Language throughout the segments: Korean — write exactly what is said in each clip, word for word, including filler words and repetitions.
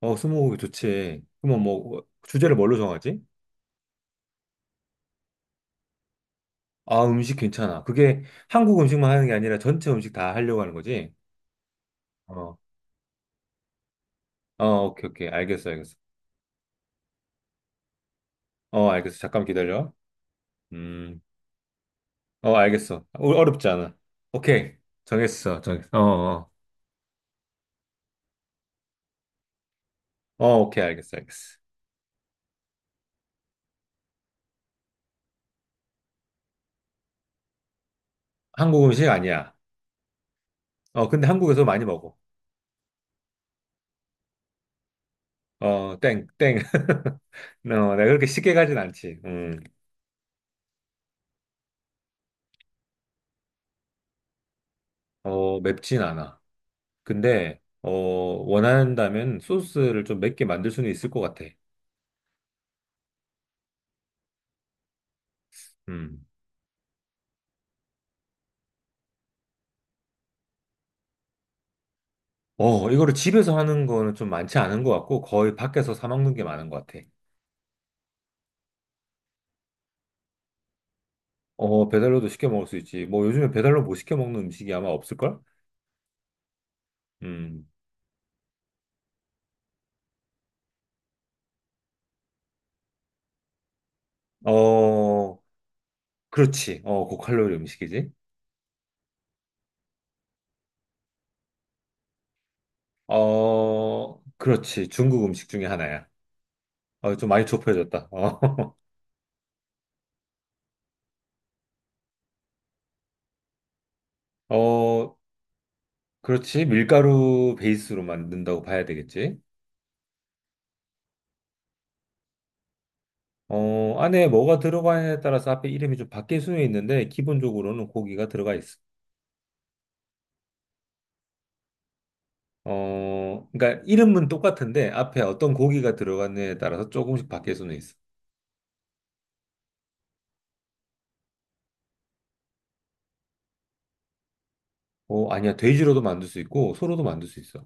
어, 스무고개 좋지. 그러면 뭐 주제를 뭘로 정하지? 아, 음식 괜찮아. 그게 한국 음식만 하는 게 아니라 전체 음식 다 하려고 하는 거지? 어, 어, 오케이, 오케이. 알겠어, 알겠어. 어, 알겠어. 잠깐 기다려. 음, 어, 알겠어. 어, 어렵지 않아. 오케이. 정했어, 정했어. 어, 어. 어, 오케이, 알겠어, 알겠어. 한국 음식 아니야. 어, 근데 한국에서 많이 먹어. 어, 땡, 땡. 어, 내가 그렇게 쉽게 가진 않지. 음, 어, 맵진 않아. 근데 어 원한다면 소스를 좀 맵게 만들 수는 있을 것 같아. 음. 어 이거를 집에서 하는 거는 좀 많지 않은 것 같고 거의 밖에서 사 먹는 게 많은 것 같아. 어 배달로도 시켜 먹을 수 있지. 뭐 요즘에 배달로 못 시켜 먹는 음식이 아마 없을걸? 음. 어 그렇지. 어 고칼로리 음식이지. 어 그렇지. 중국 음식 중에 하나야. 어좀 많이 좁혀졌다. 어. 어 그렇지. 밀가루 베이스로 만든다고 봐야 되겠지. 어, 안에 뭐가 들어가냐에 따라서 앞에 이름이 좀 바뀔 수는 있는데, 기본적으로는 고기가 들어가 있어. 어, 그러니까 이름은 똑같은데, 앞에 어떤 고기가 들어갔냐에 따라서 조금씩 바뀔 수는 있어. 어, 아니야. 돼지로도 만들 수 있고, 소로도 만들 수 있어.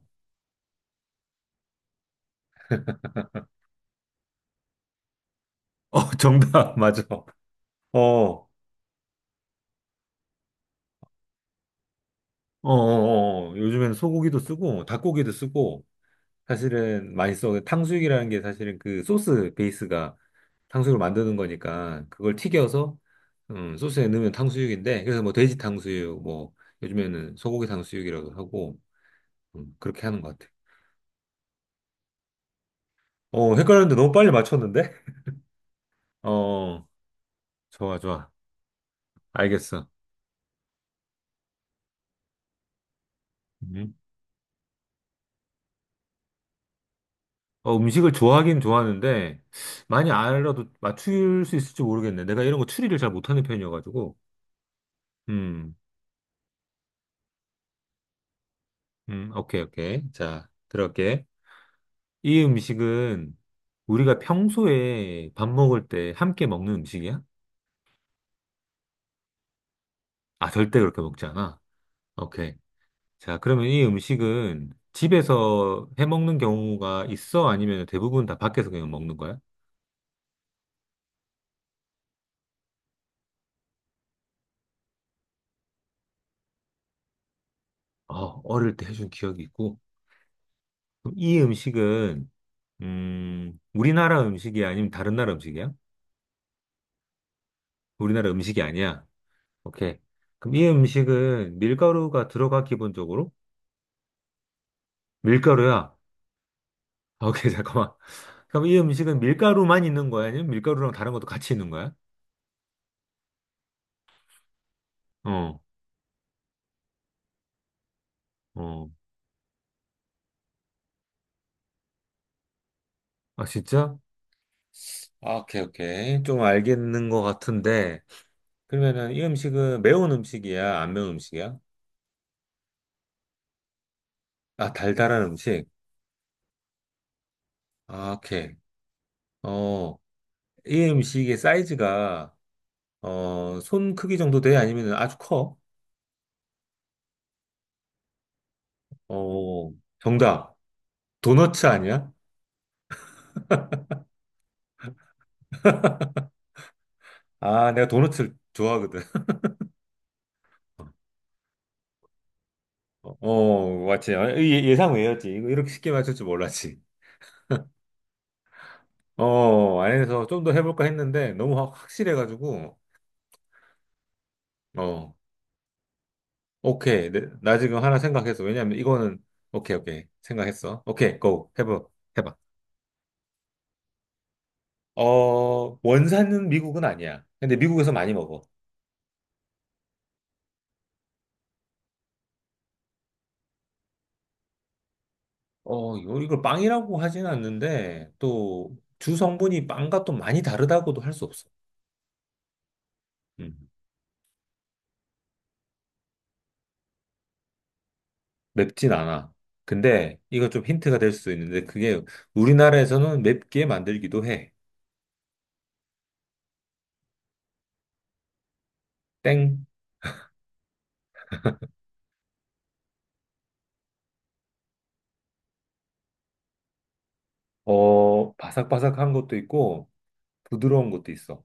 어, 정답, 맞아. 어, 어, 어, 어. 어. 요즘에는 소고기도 쓰고, 닭고기도 쓰고, 사실은 맛있어. 탕수육이라는 게 사실은 그 소스 베이스가 탕수육을 만드는 거니까 그걸 튀겨서 음, 소스에 넣으면 탕수육인데 그래서 뭐 돼지 탕수육 뭐 요즘에는 소고기 탕수육이라고 하고 음, 그렇게 하는 것 같아. 어, 헷갈렸는데 너무 빨리 맞췄는데? 어, 좋아, 좋아. 알겠어. 음. 어, 음식을 좋아하긴 좋아하는데 많이 알아도 맞출 수 있을지 모르겠네. 내가 이런 거 추리를 잘 못하는 편이어가지고. 음, 음, 오케이, 오케이. 자, 들어갈게. 이 음식은 우리가 평소에 밥 먹을 때 함께 먹는 음식이야? 아, 절대 그렇게 먹지 않아. 오케이. 자, 그러면 이 음식은 집에서 해 먹는 경우가 있어? 아니면 대부분 다 밖에서 그냥 먹는 거야? 어, 어릴 때 해준 기억이 있고. 그럼 이 음식은, 음, 우리나라 음식이야? 아니면 다른 나라 음식이야? 우리나라 음식이 아니야. 오케이. 그럼 이 음식은 밀가루가 들어가, 기본적으로? 밀가루야. 아, 오케이, 잠깐만. 그럼 이 음식은 밀가루만 있는 거야? 아니면 밀가루랑 다른 것도 같이 있는 거야? 어, 어. 아, 진짜? 아, 오케이, 오케이. 좀 알겠는 것 같은데. 그러면은 이 음식은 매운 음식이야? 안 매운 음식이야? 아, 달달한 음식? 아, 오케이. 어, 이 음식의 사이즈가, 어, 손 크기 정도 돼? 아니면 아주 커? 어, 정답. 도너츠 아니야? 아, 내가 도너츠를 좋아하거든. 어, 맞지. 아, 예- 예상 외였지. 이거 이렇게 쉽게 맞출 줄 몰랐지. 어, 안에서 좀 더 해볼까 했는데 너무 확- 확실해가지고, 어, 오케이. 내- 나 지금 하나 생각했어. 왜냐면 이거는, 오케이, 오케이. 생각했어. 오케이, 고. 해봐. 해봐. 어, 원산은 미국은 아니야. 근데 미국에서 많이 먹어. 어, 이거- 이걸 빵이라고 하진 않는데, 또, 주 성분이 빵과 또 많이 다르다고도 할 수 없어. 맵진 않아. 근데 이거 좀 힌트가 될 수도 있는데 그게 우리나라에서는 맵게 만들기도 해. 땡. 어, 바삭바삭한 것도 있고 부드러운 것도 있어.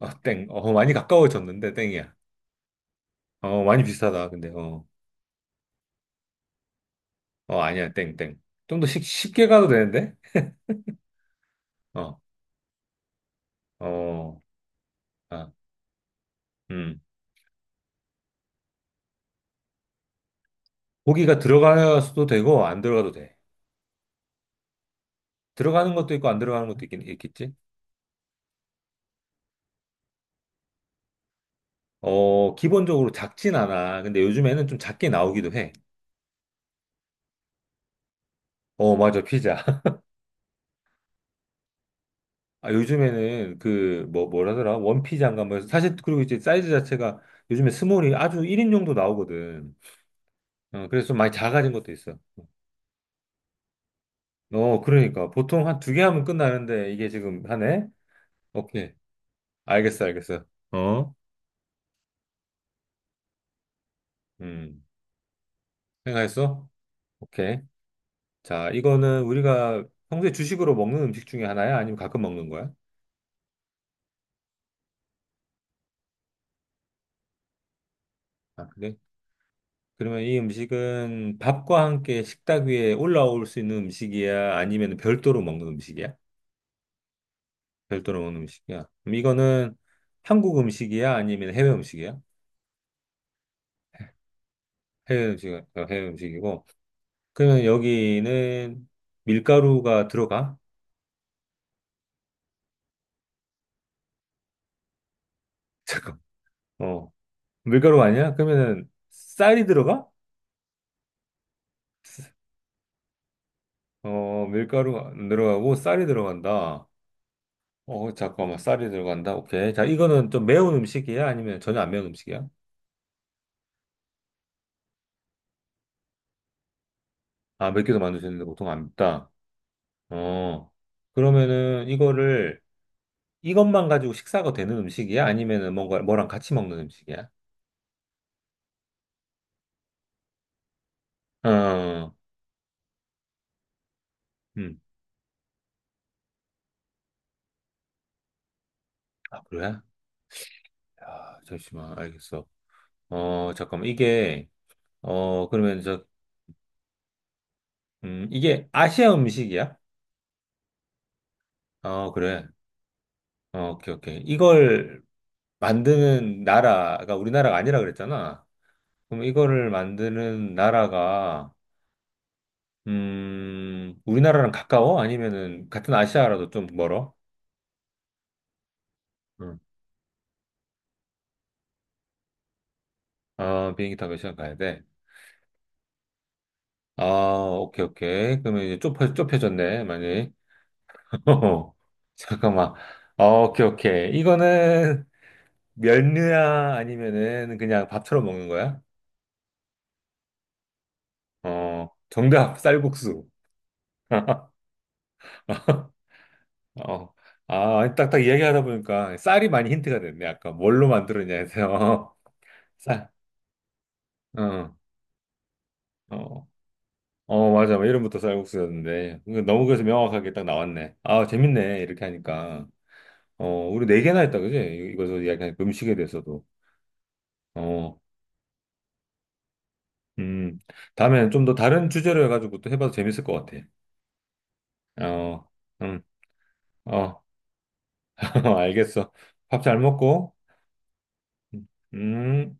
아, 땡. 어, 많이 가까워졌는데 땡이야. 어, 많이 비슷하다. 근데 어, 어 아니야. 땡, 땡. 좀 더 쉽게 가도 되는데? 어, 어, 아, 음. 고기가 들어가서도 되고 안 들어가도 돼. 들어가는 것도 있고 안 들어가는 것도 있긴 있겠지? 어, 기본적으로 작진 않아. 근데 요즘에는 좀 작게 나오기도 해. 어, 맞아, 피자. 아, 요즘에는 그, 뭐, 뭐라더라? 원피장가 뭐, 해서 사실, 그리고 이제 사이즈 자체가 요즘에 스몰이 아주 일인용도 나오거든. 어, 그래서 좀 많이 작아진 것도 있어. 어, 그러니까. 보통 한 두 개 하면 끝나는데, 이게 지금 하네? 오케이. 알겠어, 알겠어. 어? 음. 생각했어? 오케이. 자, 이거는 우리가 평소에 주식으로 먹는 음식 중에 하나야? 아니면 가끔 먹는 거야? 아, 그래? 그러면 이 음식은 밥과 함께 식탁 위에 올라올 수 있는 음식이야? 아니면 별도로 먹는 음식이야? 별도로 먹는 음식이야. 그럼 이거는 한국 음식이야? 아니면 해외 음식이야? 해외 음식, 어, 해외 음식이고. 그러면 여기는 밀가루가 들어가? 잠깐. 어, 밀가루 아니야? 그러면은 쌀이 들어가? 어, 밀가루가 안 들어가고 쌀이 들어간다. 어, 잠깐만, 쌀이 들어간다. 오케이. 자, 이거는 좀 매운 음식이야? 아니면 전혀 안 매운 음식이야? 아, 맵기도 만들 수 있는데 보통 안 맵다. 어, 그러면은 이거를 이것만 가지고 식사가 되는 음식이야? 아니면은 뭔가 뭐랑 같이 먹는 음식이야? 어, 음. 아, 그래? 야, 잠시만, 알겠어. 어, 잠깐만, 이게, 어, 그러면 저, 음, 이게 아시아 음식이야? 어, 그래. 어, 오케이, 오케이. 이걸 만드는 나라가 우리나라가 아니라 그랬잖아. 그럼 이거를 만드는 나라가, 음, 우리나라랑 가까워? 아니면은 같은 아시아라도 좀 멀어? 응. 어, 비행기 타고 시간 가야 돼. 아, 오케이, 오케이. 그러면 이제 좁혀, 좁혀졌네, 많이. 잠깐만. 아, 오케이, 오케이. 이거는 면류야 아니면은 그냥 밥처럼 먹는 거야? 어, 정답, 쌀국수. 어, 아, 딱딱 이야기하다 보니까 쌀이 많이 힌트가 됐네. 아까 뭘로 만들었냐 해서. 쌀, 어, 어, 어, 맞아. 뭐 이름부터 쌀국수였는데. 이거 너무 그래서 명확하게 딱 나왔네. 아, 재밌네. 이렇게 하니까. 어, 우리 네 개나 했다, 그지? 이거서 약간 음식에 대해서도. 어, 음. 다음엔 좀 더 다른 주제로 해가지고 또 해봐도 재밌을 것 같아. 어, 음, 어, 알겠어. 밥 잘 먹고, 음.